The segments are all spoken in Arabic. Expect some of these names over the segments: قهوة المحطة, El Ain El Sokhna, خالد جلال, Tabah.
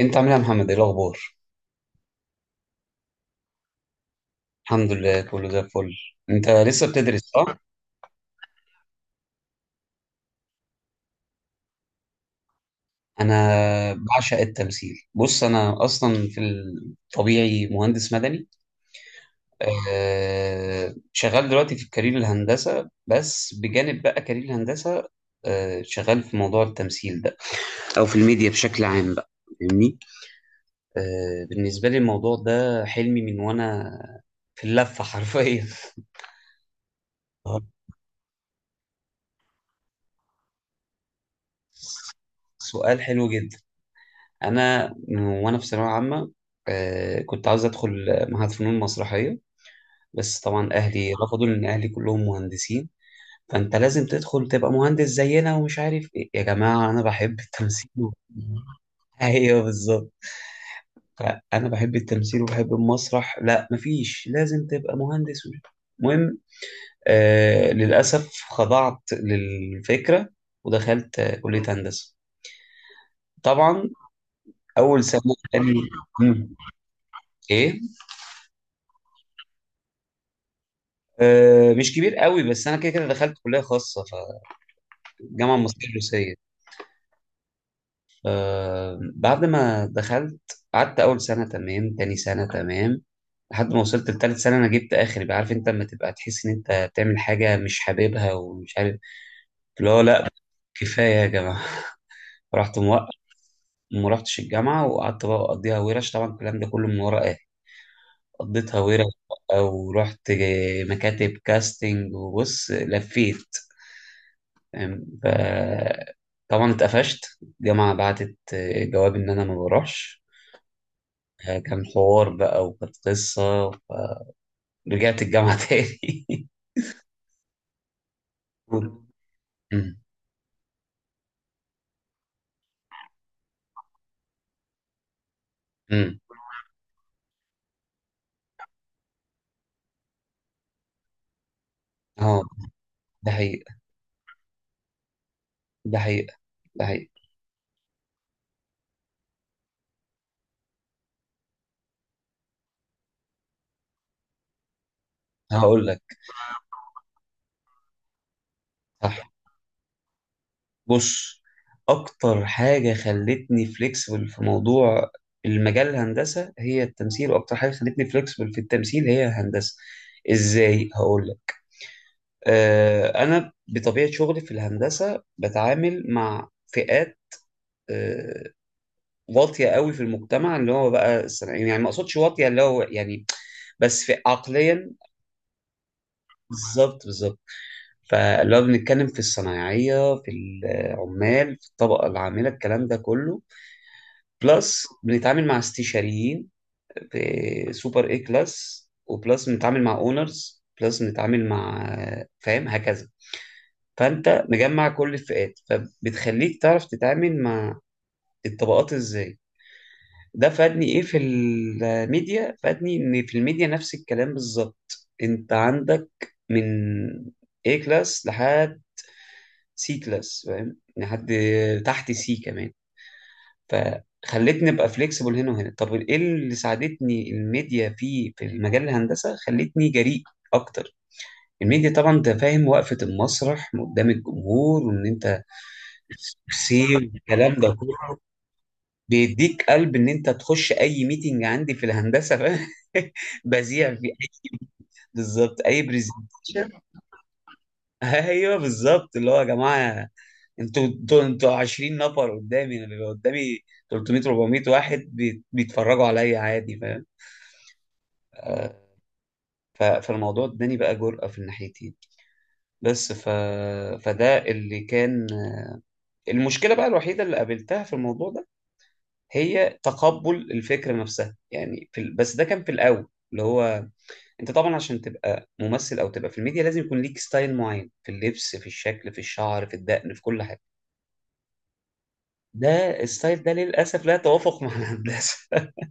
انت عامل ايه يا محمد، ايه الاخبار؟ الحمد لله، كله زي الفل. انت لسه بتدرس، صح؟ انا بعشق التمثيل. بص، انا اصلا في الطبيعي مهندس مدني. شغال دلوقتي في كارير الهندسه، بس بجانب بقى كارير الهندسه شغال في موضوع التمثيل ده، او في الميديا بشكل عام بقى، فاهمني. بالنسبه لي الموضوع ده حلمي من وانا في اللفه حرفيا. سؤال حلو جدا. انا وانا في ثانويه عامه، كنت عاوز ادخل معهد فنون مسرحيه، بس طبعا اهلي رفضوا لان اهلي كلهم مهندسين. فانت لازم تدخل تبقى مهندس زينا، ومش عارف ايه، يا جماعه انا بحب التمثيل ايوه بالظبط. فانا بحب التمثيل وبحب المسرح، لا مفيش، لازم تبقى مهندس المهم. للاسف خضعت للفكره، ودخلت كليه هندسه، طبعا اول سنه. قال لي، مم، ايه؟ مش كبير قوي، بس انا كده كده دخلت كليه خاصه، فالجامعه المصريه الروسيه. بعد ما دخلت قعدت اول سنه تمام، تاني سنه تمام، لحد ما وصلت لتالت سنه انا جبت اخر بقى. عارف انت لما تبقى تحس ان انت بتعمل حاجه مش حاببها، ومش عارف اللي هو، لا كفايه يا جماعه. رحت موقف، ما رحتش الجامعه، وقعدت بقى اقضيها ورش، طبعا الكلام ده كله من ورا اهلي. قضيتها ورش بقى، ورحت مكاتب كاستنج. وبص لفيت، أم، ف- طبعا اتقفشت. الجامعة بعتت جواب إن أنا ما بروحش. كان حوار بقى وكانت قصة، رجعت الجامعة تاني. أمم، أمم. اه، ده حقيقة، ده حقيقة، ده حقيقة. هقول لك. صح. بص، أكتر حاجة خلتني فليكسبل في موضوع المجال الهندسة هي التمثيل، وأكتر حاجة خلتني فليكسبل في التمثيل هي الهندسة. إزاي، هقول لك. أنا بطبيعة شغلي في الهندسة بتعامل مع فئات آه، واطية قوي في المجتمع، اللي هو بقى الصناعيين. يعني ما أقصدش واطية اللي هو، يعني بس في عقليا. بالظبط بالظبط. فلو بنتكلم في الصنايعية، في العمال، في الطبقة العاملة الكلام ده كله، بلس بنتعامل مع استشاريين في سوبر اي كلاس، وبلس بنتعامل مع اونرز، بلس بنتعامل مع، فاهم هكذا. فانت مجمع كل الفئات، فبتخليك تعرف تتعامل مع الطبقات ازاي. ده فادني ايه في الميديا؟ فادني ان في الميديا نفس الكلام بالظبط. انت عندك من A كلاس لحد سي كلاس، فاهم، لحد تحت سي كمان. فخلتني ابقى فليكسبل هنا وهنا. طب ايه اللي ساعدتني الميديا في المجال الهندسه؟ خلتني جريء اكتر. الميديا طبعا، انت فاهم وقفه المسرح قدام الجمهور، وان انت سي والكلام ده كله، بيديك قلب ان انت تخش اي ميتنج عندي في الهندسه، فاهم. بذيع في اي، بالظبط، اي برزنتيشن. ايوه بالظبط. اللي هو يا جماعه، انتوا 20 نفر قدامي، انا بيبقى قدامي 300 400 واحد بيتفرجوا عليا عادي، فاهم. فالموضوع اداني بقى جرأة في الناحيتين، بس فده اللي كان. المشكلة بقى الوحيدة اللي قابلتها في الموضوع ده هي تقبل الفكرة نفسها، يعني بس ده كان في الأول. اللي هو، انت طبعا عشان تبقى ممثل او تبقى في الميديا لازم يكون ليك ستايل معين في اللبس، في الشكل، في الشعر، في الدقن، في كل حاجة. ده الستايل ده للأسف لا يتوافق مع الهندسة.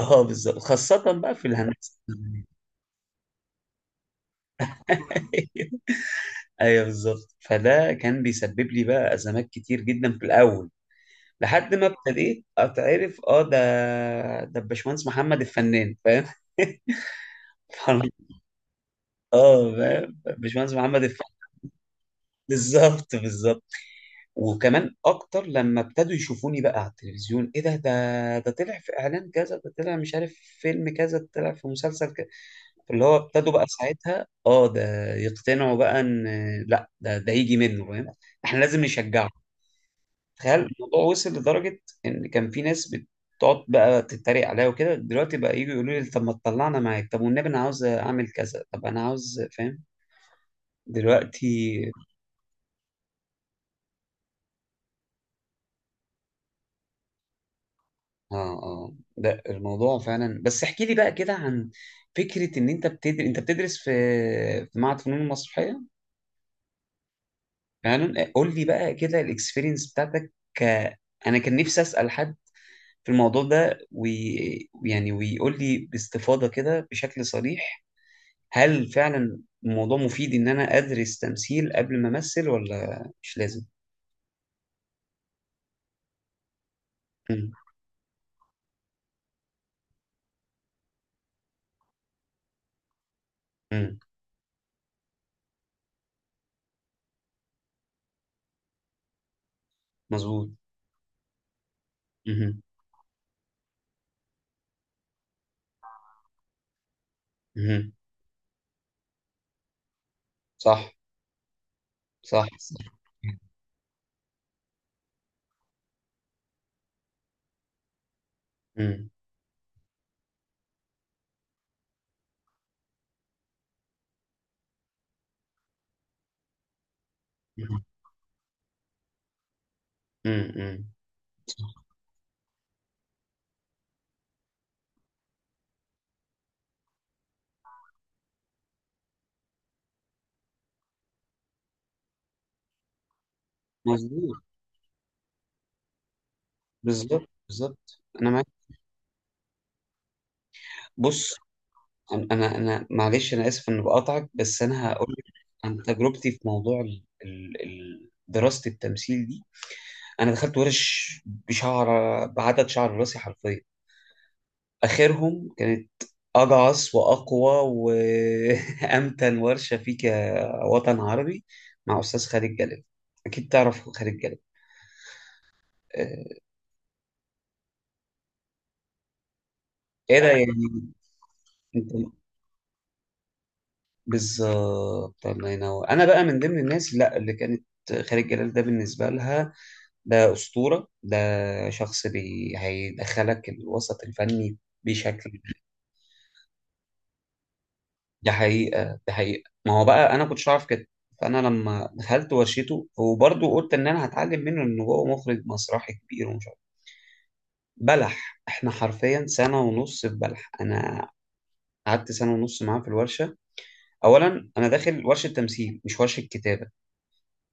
اه بالظبط، خاصة بقى في الهندسة. ايوه بالظبط. فده كان بيسبب لي بقى أزمات كتير جدا في الأول، لحد ما ابتديت اتعرف. اه، ده الباشمهندس محمد الفنان، فاهم. اه فاهم، باشمهندس محمد الفقي. بالظبط بالظبط. وكمان اكتر لما ابتدوا يشوفوني بقى على التلفزيون، ايه ده طلع في اعلان كذا، ده طلع مش عارف في فيلم كذا، ده طلع في مسلسل كذا. اللي هو ابتدوا بقى ساعتها، اه، ده يقتنعوا بقى ان لا، ده يجي منه، فاهم. احنا لازم نشجعه. تخيل الموضوع وصل لدرجة ان كان في ناس بتقعد بقى تتريق عليا وكده، دلوقتي بقى يجوا يقولوا لي طب ما تطلعنا معاك، طب والنبي انا عاوز اعمل كذا، طب انا عاوز، فاهم، دلوقتي. اه، اه، ده الموضوع فعلا. بس احكي لي بقى كده عن فكرة ان انت بتدرس في معهد فنون المسرحية فعلا. قول لي بقى كده الاكسبيرينس بتاعتك ك... انا كان نفسي اسأل حد في الموضوع ده يعني ويقول لي باستفاضة كده بشكل صريح هل فعلا الموضوع مفيد ان انا ادرس تمثيل قبل ما امثل، ولا مش لازم. امم، امم. مظبوط. امم، امم. صح، صح، صح. امم، امم، إمم. مظبوط. بالظبط بالظبط، انا معاك. بص، انا معلش، انا اسف اني بقاطعك، بس انا هقول لك عن تجربتي في موضوع دراسه التمثيل دي. انا دخلت ورش بشعر، بعدد شعر راسي حرفيا. اخرهم كانت اجعص واقوى وامتن ورشه فيك يا وطن عربي مع استاذ خالد جلال. اكيد تعرف خالد جلال. آه، ايه ده يعني؟ انت. بالظبط، الله ينور. انا بقى من ضمن الناس، لا اللي كانت خالد جلال ده بالنسبه لها ده اسطوره، ده شخص هيدخلك الوسط الفني بشكل. ده حقيقه، ده حقيقه، ما هو بقى انا كنتش اعرف كده. فانا لما دخلت ورشته وبرضه قلت ان انا هتعلم منه، ان هو مخرج مسرحي كبير ومش عارف. بلح، احنا حرفيا سنه ونص في بلح. انا قعدت سنه ونص معاه في الورشه. اولا، انا داخل ورشه تمثيل مش ورشه كتابه،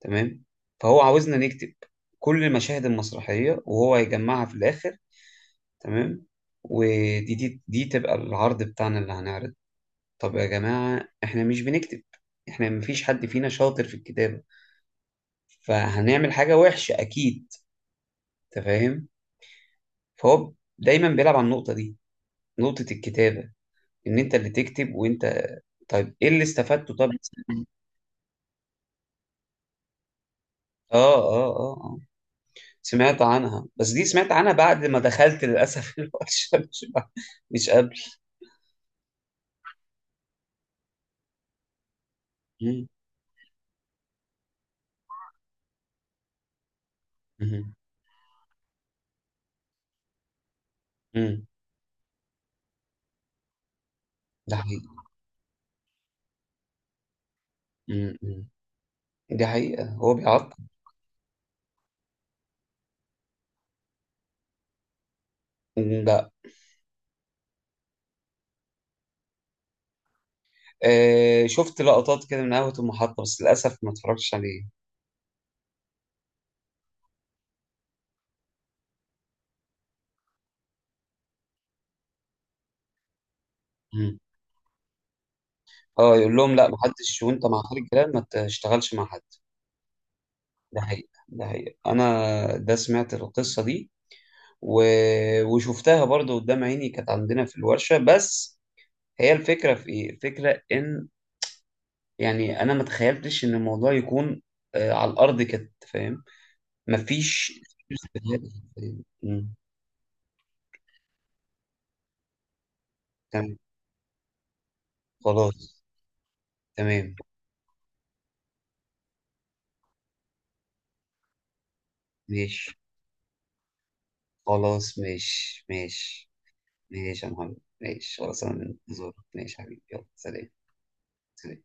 تمام. فهو عاوزنا نكتب كل المشاهد المسرحية وهو هيجمعها في الآخر، تمام. ودي دي, دي تبقى العرض بتاعنا اللي هنعرض. طب يا جماعة، إحنا مش بنكتب، إحنا مفيش حد فينا شاطر في الكتابة، فهنعمل حاجة وحشة أكيد. أنت فاهم. فهو دايما بيلعب على النقطة دي، نقطة الكتابة، إن أنت اللي تكتب. وأنت، طيب إيه اللي استفدته، طب؟ آه، آه، آه، آه. سمعت عنها، بس دي سمعت عنها بعد ما دخلت للأسف الورشة، مش قبل. مم. مم. مم. ده حقيقي. مم. مم. دي حقيقة، هو بيعطل. مم. لا. آه شفت لقطات كده من قهوة المحطة، بس للأسف ما اتفرجتش عليه. مم. اه، يقول لهم لا محدش، وانت مع خالد جلال ما تشتغلش مع حد. ده حقيقة، ده حقيقة، انا ده سمعت القصة دي و... وشفتها برضو قدام عيني، كانت عندنا في الورشة بس. هي الفكرة في ايه؟ الفكرة ان يعني انا ما تخيلتش ان الموضوع يكون على الارض كده، فاهم. مفيش استغلال. مم. تمام. خلاص. تمام. ماشي، خلاص ماشي ماشي. ماشي يا محمد، ماشي خلاص. انا منتظرك. ماشي يا حبيبي، يلا، سلام. سلام.